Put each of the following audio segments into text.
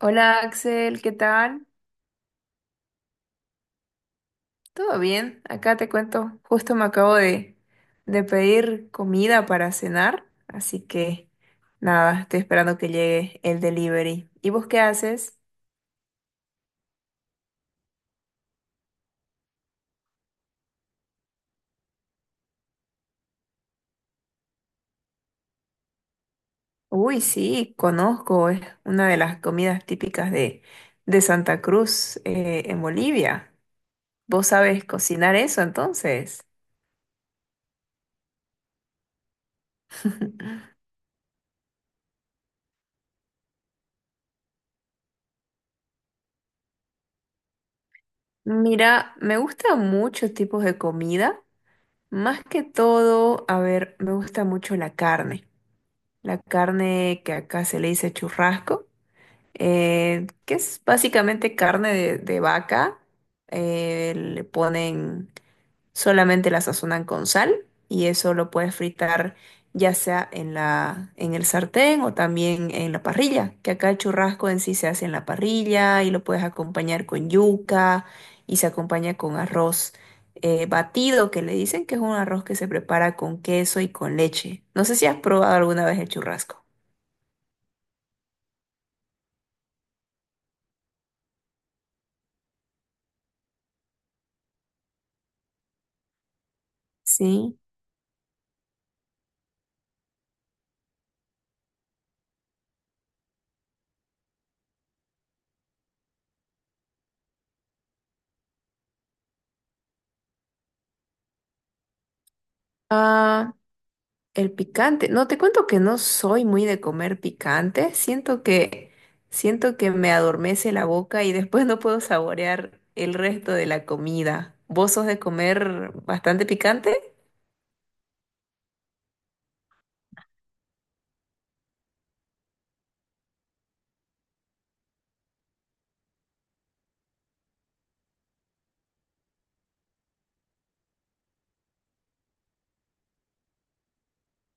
Hola Axel, ¿qué tal? ¿Todo bien? Acá te cuento, justo me acabo de pedir comida para cenar, así que nada, estoy esperando que llegue el delivery. ¿Y vos qué haces? Uy, sí, conozco, es una de las comidas típicas de Santa Cruz, en Bolivia. ¿Vos sabes cocinar eso entonces? Mira, me gustan muchos tipos de comida, más que todo, a ver, me gusta mucho la carne. La carne que acá se le dice churrasco, que es básicamente carne de vaca. eh, le ponen, Solamente la sazonan con sal y eso lo puedes fritar ya sea en en el sartén o también en la parrilla, que acá el churrasco en sí se hace en la parrilla y lo puedes acompañar con yuca y se acompaña con arroz. Batido que le dicen, que es un arroz que se prepara con queso y con leche. No sé si has probado alguna vez el churrasco. Sí. Ah, el picante. No, te cuento que no soy muy de comer picante. Siento que me adormece la boca y después no puedo saborear el resto de la comida. ¿Vos sos de comer bastante picante?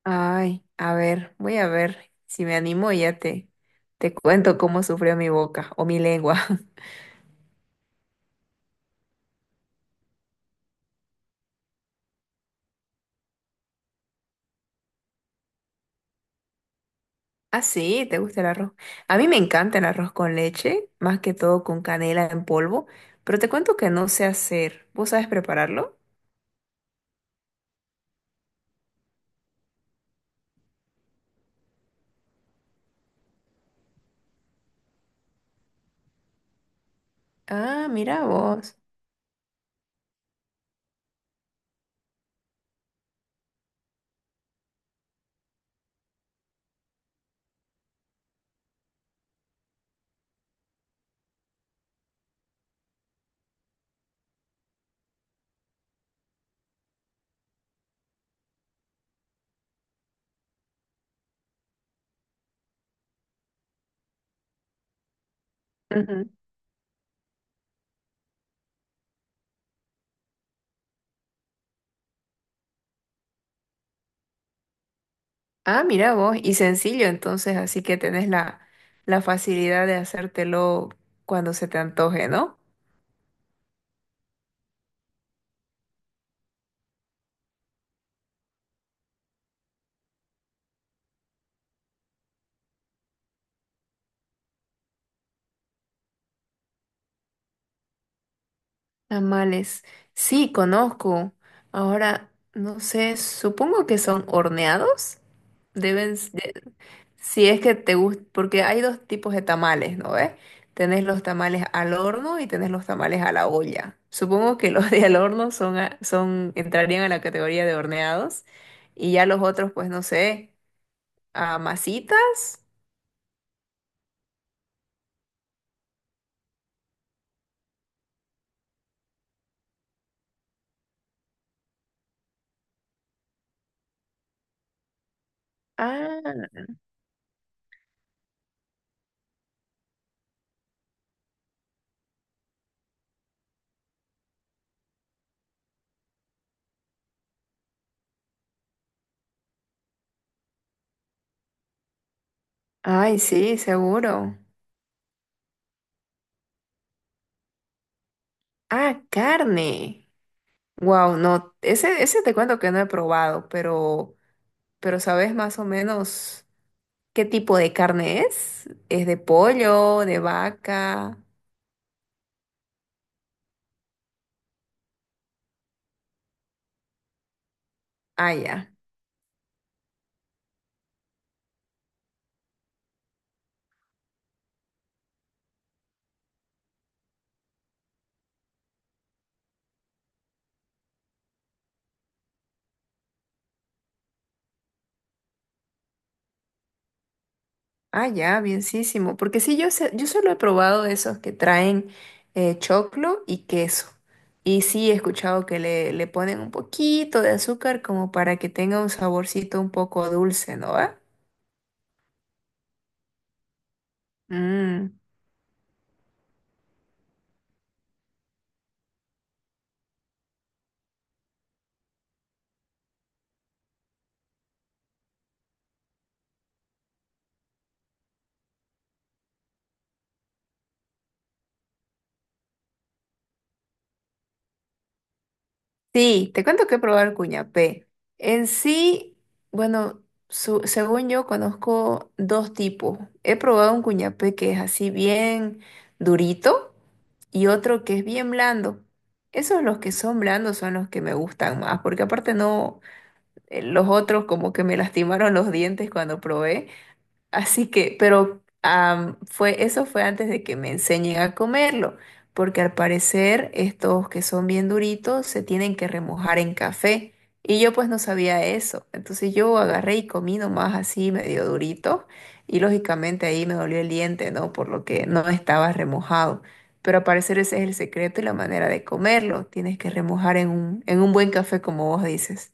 Ay, a ver, voy a ver si me animo y ya te cuento cómo sufrió mi boca o mi lengua. Ah, sí, ¿te gusta el arroz? A mí me encanta el arroz con leche, más que todo con canela en polvo, pero te cuento que no sé hacer. ¿Vos sabes prepararlo? Ah, mira vos. Ujú. Ah, mira vos. Y sencillo, entonces, así que tenés la facilidad de hacértelo cuando se te antoje, ¿no? Tamales. Sí, conozco. Ahora, no sé, supongo que son horneados. Deben, s- Si es que te gusta, porque hay dos tipos de tamales, ¿no ves? Tenés los tamales al horno y tenés los tamales a la olla. Supongo que los de al horno entrarían a la categoría de horneados, y ya los otros, pues no sé, a masitas. Ah, ay, sí, seguro. Ah, carne. Wow, no, ese te cuento que no he probado, pero ¿sabes más o menos qué tipo de carne es? ¿Es de pollo, de vaca? Ah, ya. Ah, ya, bienísimo. Porque sí, sé- yo solo he probado esos que traen choclo y queso. Y sí, he escuchado que le ponen un poquito de azúcar como para que tenga un saborcito un poco dulce, ¿no va? Mm. Sí, te cuento que he probado el cuñapé. En sí, bueno, su- según yo conozco dos tipos. He probado un cuñapé que es así bien durito y otro que es bien blando. Esos los que son blandos son los que me gustan más, porque aparte no, los otros como que me lastimaron los dientes cuando probé. Así que, eso fue antes de que me enseñen a comerlo, porque al parecer estos que son bien duritos se tienen que remojar en café. Y yo pues no sabía eso. Entonces yo agarré y comí nomás así medio durito y lógicamente ahí me dolió el diente, ¿no? Por lo que no estaba remojado. Pero al parecer ese es el secreto y la manera de comerlo. Tienes que remojar en en un buen café como vos dices.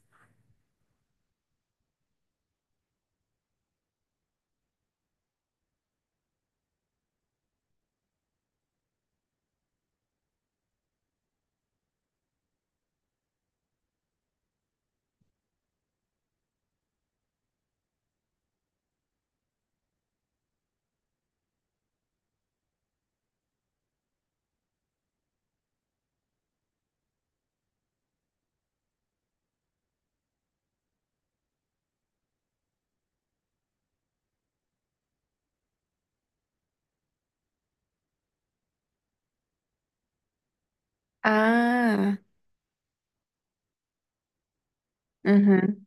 Ah, ujú.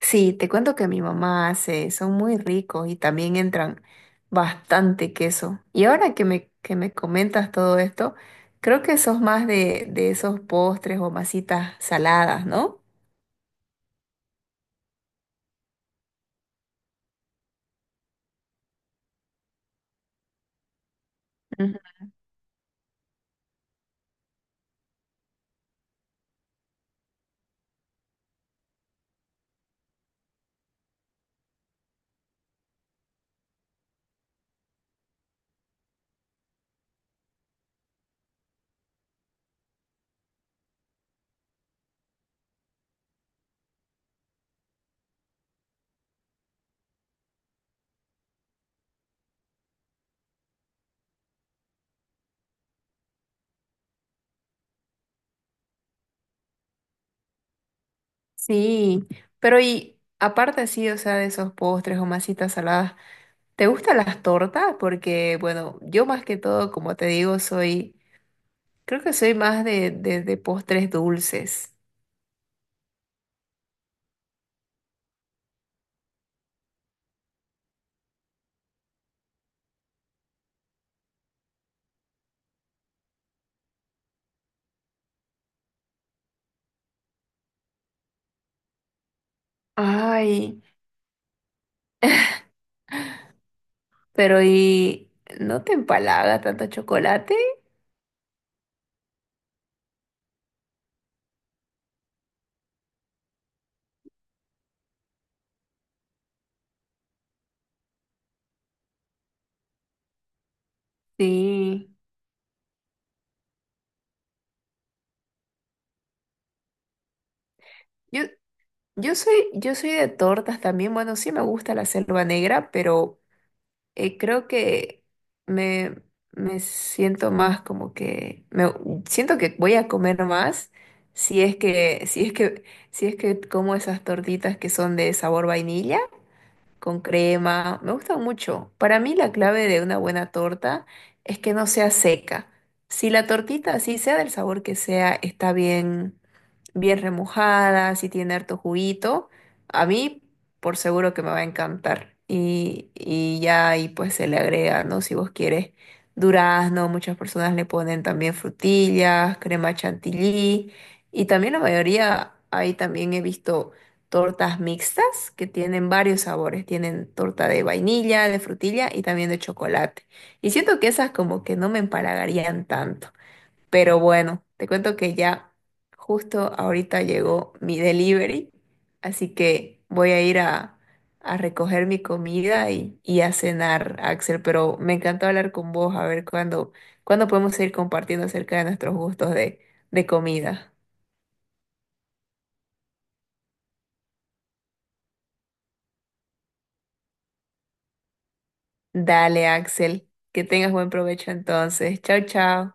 Sí, te cuento que mi mamá hace, son muy ricos y también entran bastante queso. Y ahora que que me comentas todo esto, creo que sos más de esos postres o masitas saladas, ¿no? Ujú. Sí, pero y aparte sí, o sea, de esos postres o masitas saladas, ¿te gustan las tortas? Porque, bueno, yo más que todo, como te digo, soy, creo que soy más de postres dulces. Ay. Pero ¿y no te empalaga tanto chocolate? Sí. Yo, yo soy de tortas también. Bueno, sí me gusta la selva negra, pero creo que me, me siento más como que me siento que voy a comer más si es que, si es que, si es que como esas tortitas que son de sabor vainilla, con crema. Me gusta mucho. Para mí la clave de una buena torta es que no sea seca. Si la tortita, así sea del sabor que sea, está bien remojada, si tiene harto juguito, a mí por seguro que me va a encantar. Y ya ahí pues se le agrega, ¿no? Si vos quieres durazno, muchas personas le ponen también frutillas, crema chantilly, y también la mayoría, ahí también he visto tortas mixtas que tienen varios sabores, tienen torta de vainilla, de frutilla y también de chocolate. Y siento que esas como que no me empalagarían tanto. Pero bueno, te cuento que ya justo ahorita llegó mi delivery, así que voy a a recoger mi comida y a cenar, Axel. Pero me encantó hablar con vos, a ver cuándo podemos seguir compartiendo acerca de nuestros gustos de comida. Dale, Axel, que tengas buen provecho entonces. Chao, chao.